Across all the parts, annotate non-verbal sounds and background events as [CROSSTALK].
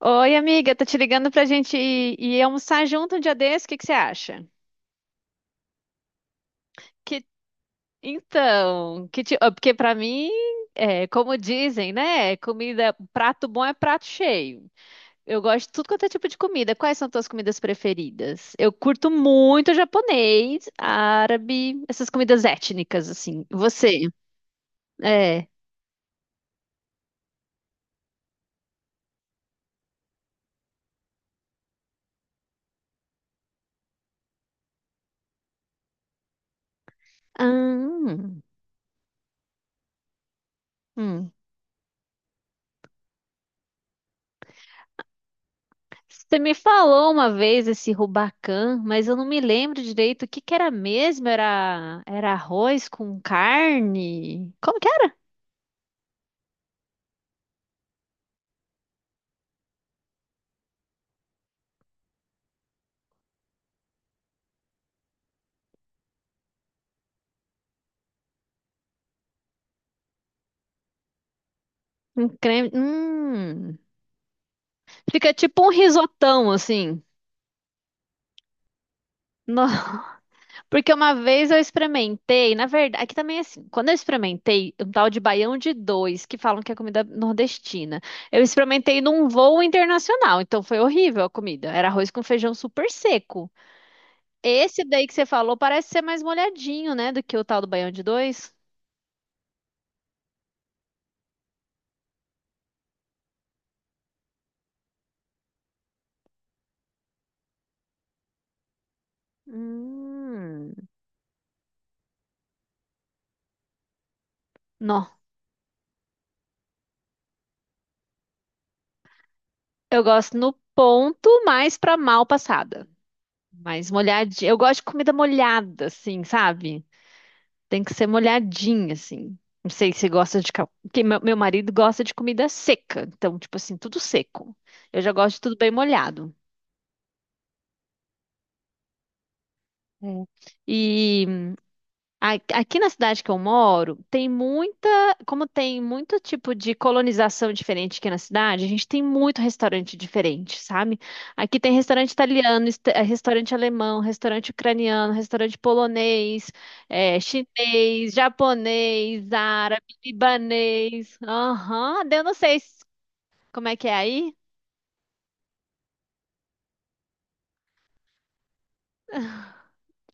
Oi, amiga, tô te ligando pra gente ir almoçar junto um dia desse, o que que você acha? Que, então, que ti- ah, Porque pra mim, é, como dizem, né, comida, prato bom é prato cheio. Eu gosto de tudo quanto é tipo de comida. Quais são tuas comidas preferidas? Eu curto muito japonês, árabe, essas comidas étnicas, assim. Você? É. Ah. Hum. Você me falou uma vez esse Rubacan, mas eu não me lembro direito o que que era mesmo. Era arroz com carne? Como que era? Um creme. Hum. Fica tipo um risotão, assim. No- [LAUGHS] Porque uma vez eu experimentei, na verdade, aqui também é assim, quando eu experimentei um tal de baião de dois, que falam que é comida nordestina, eu experimentei num voo internacional, então foi horrível a comida. Era arroz com feijão super seco. Esse daí que você falou parece ser mais molhadinho, né? Do que o tal do baião de dois. Hum. Não. Eu gosto no ponto, mais pra mal passada. Mais molhadinha. Eu gosto de comida molhada, assim, sabe? Tem que ser molhadinha, assim. Não sei se você gosta de. Porque meu marido gosta de comida seca. Então, tipo assim, tudo seco. Eu já gosto de tudo bem molhado. É. E Aqui na cidade que eu moro, tem muita, como tem muito tipo de colonização diferente aqui na cidade, a gente tem muito restaurante diferente, sabe? Aqui tem restaurante italiano, restaurante alemão, restaurante ucraniano, restaurante polonês, chinês, japonês, árabe, libanês. Aham, daí eu não sei se- como é que é aí.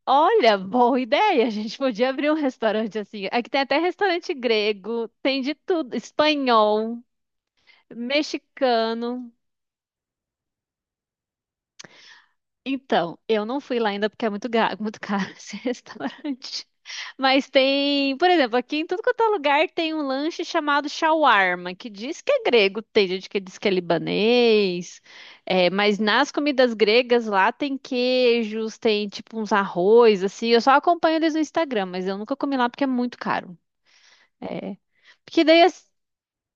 Olha, boa ideia, a gente podia abrir um restaurante assim. Aqui tem até restaurante grego, tem de tudo, espanhol. Mexicano. Então, eu não fui lá ainda porque é muito, muito caro [LAUGHS] esse restaurante. Mas tem, por exemplo, aqui em tudo quanto é lugar tem um lanche chamado shawarma, que diz que é grego, tem gente que diz que é libanês. É, mas nas comidas gregas lá tem queijos, tem tipo uns arroz, assim. Eu só acompanho eles no Instagram, mas eu nunca comi lá porque é muito caro. É. Porque daí. as-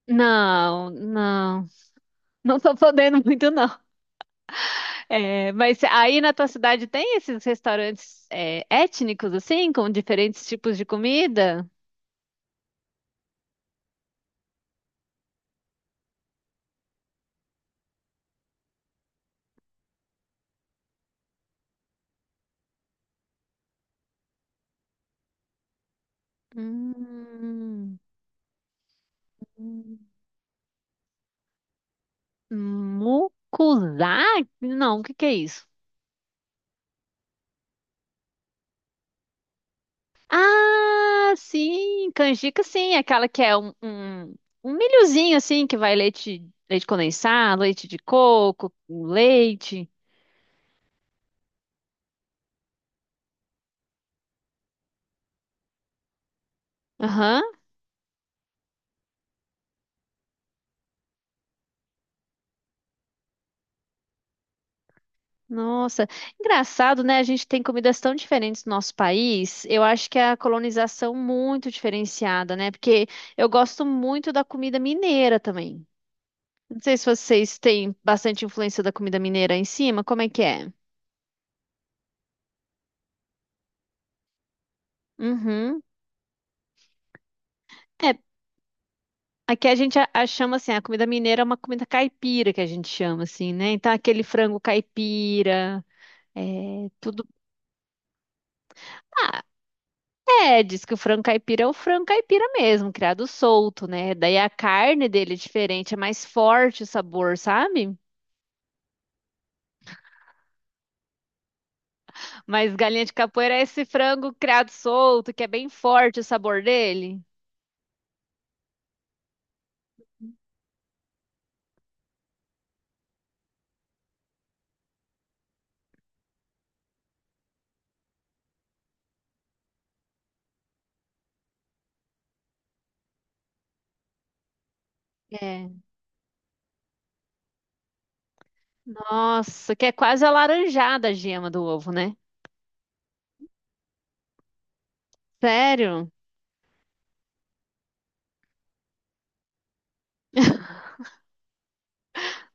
Não, não. Não tô podendo muito, não. É, mas aí na tua cidade tem esses restaurantes étnicos, assim, com diferentes tipos de comida? Hum, mucuzá? Não, o que que é isso? Ah, sim, canjica, sim, aquela que é um milhozinho, assim, que vai leite, leite condensado, leite de coco, com leite. Aham. Nossa, engraçado, né? A gente tem comidas tão diferentes no nosso país. Eu acho que é a colonização muito diferenciada, né? Porque eu gosto muito da comida mineira também. Não sei se vocês têm bastante influência da comida mineira aí em cima, como é que é? Uhum. É, aqui a gente a chama assim, a comida mineira é uma comida caipira que a gente chama assim, né? Então aquele frango caipira, é tudo. Ah, é, diz que o frango caipira é o frango caipira mesmo, criado solto, né? Daí a carne dele é diferente, é mais forte o sabor, sabe? Mas galinha de capoeira é esse frango criado solto, que é bem forte o sabor dele. É. Nossa, que é quase alaranjada a gema do ovo, né? Sério?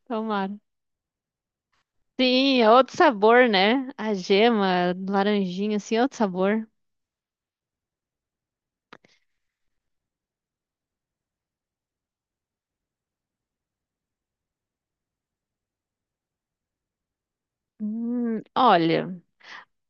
Tomara. Sim, é outro sabor, né? A gema, laranjinha, assim, é outro sabor. Olha.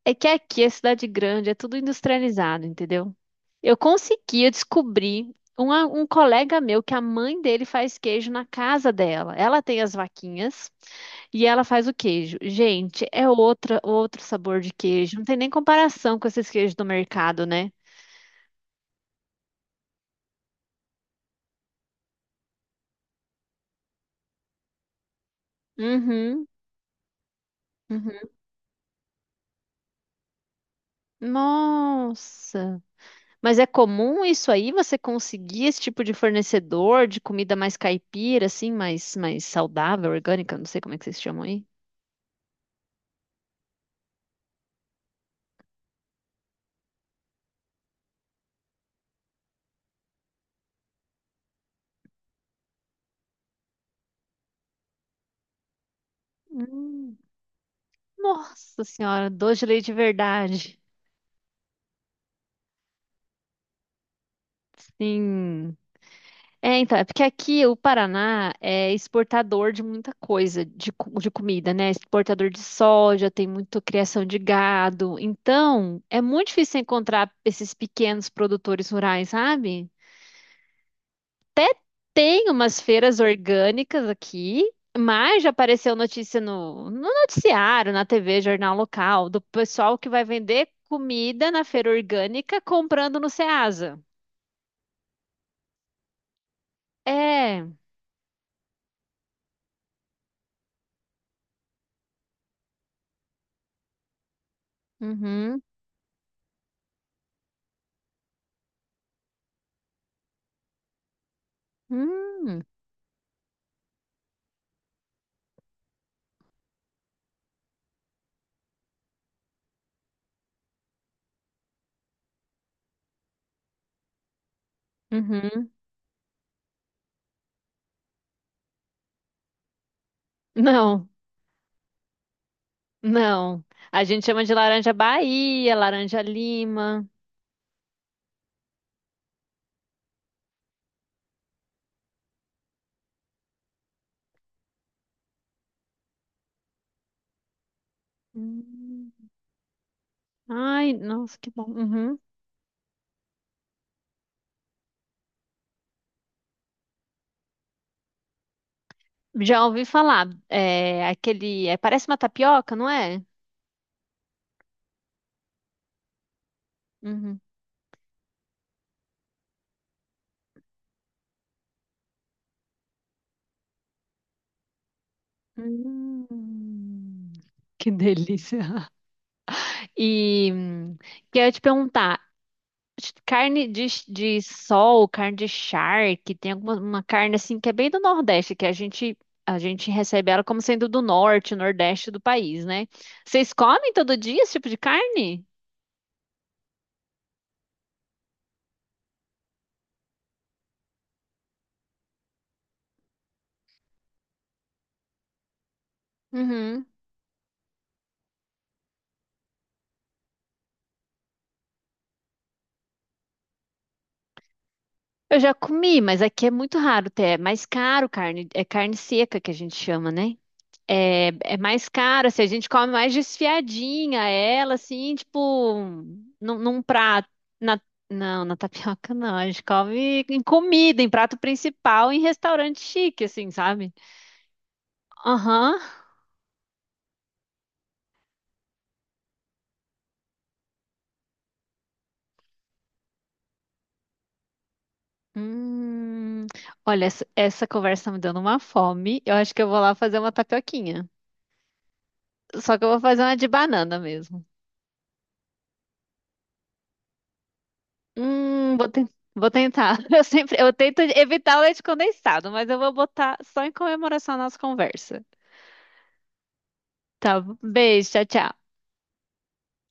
É que aqui é cidade grande, é tudo industrializado, entendeu? Eu consegui, eu descobri um colega meu que a mãe dele faz queijo na casa dela. Ela tem as vaquinhas e ela faz o queijo. Gente, é outra, outro sabor de queijo. Não tem nem comparação com esses queijos do mercado, né? Uhum, uhum. Nossa. Mas é comum isso aí? Você conseguir esse tipo de fornecedor de comida mais caipira, assim, mais, mais saudável, orgânica? Não sei como é que vocês chamam aí. Hum. Nossa senhora, doce de leite de verdade. Sim. É, então, é porque aqui o Paraná é exportador de muita coisa, de comida, né? Exportador de soja, tem muita criação de gado. Então, é muito difícil encontrar esses pequenos produtores rurais, sabe? Até tem umas feiras orgânicas aqui, mas já apareceu notícia no noticiário, na TV, jornal local, do pessoal que vai vender comida na feira orgânica comprando no Ceasa. É. Uhum. Hum. Uhum. Não, não. A gente chama de laranja Bahia, laranja Lima. Hum. Ai, nossa, que bom. Uhum. Já ouvi falar. Parece uma tapioca, não é? Uhum. Hum, que delícia. E queria te perguntar, carne de sol, carne de charque, tem alguma uma carne assim que é bem do Nordeste, que a gente recebe ela como sendo do Norte, Nordeste do país, né? Vocês comem todo dia esse tipo de carne? Uhum. Eu já comi, mas aqui é muito raro ter, é mais caro carne, é carne seca que a gente chama, né? É, é mais caro, assim, a gente come mais desfiadinha ela, assim, tipo, num prato. Na, não, na tapioca não, a gente come em comida, em prato principal, em restaurante chique, assim, sabe? Aham. Hum, olha, essa, essa conversa me dando uma fome, eu acho que eu vou lá fazer uma tapioquinha. Só que eu vou fazer uma de banana mesmo. Hum, vou, ten- Vou tentar. [LAUGHS] Eu sempre, eu tento evitar o leite condensado, mas eu vou botar só em comemoração à nossa conversa. Tá, bom. Beijo, tchau, tchau.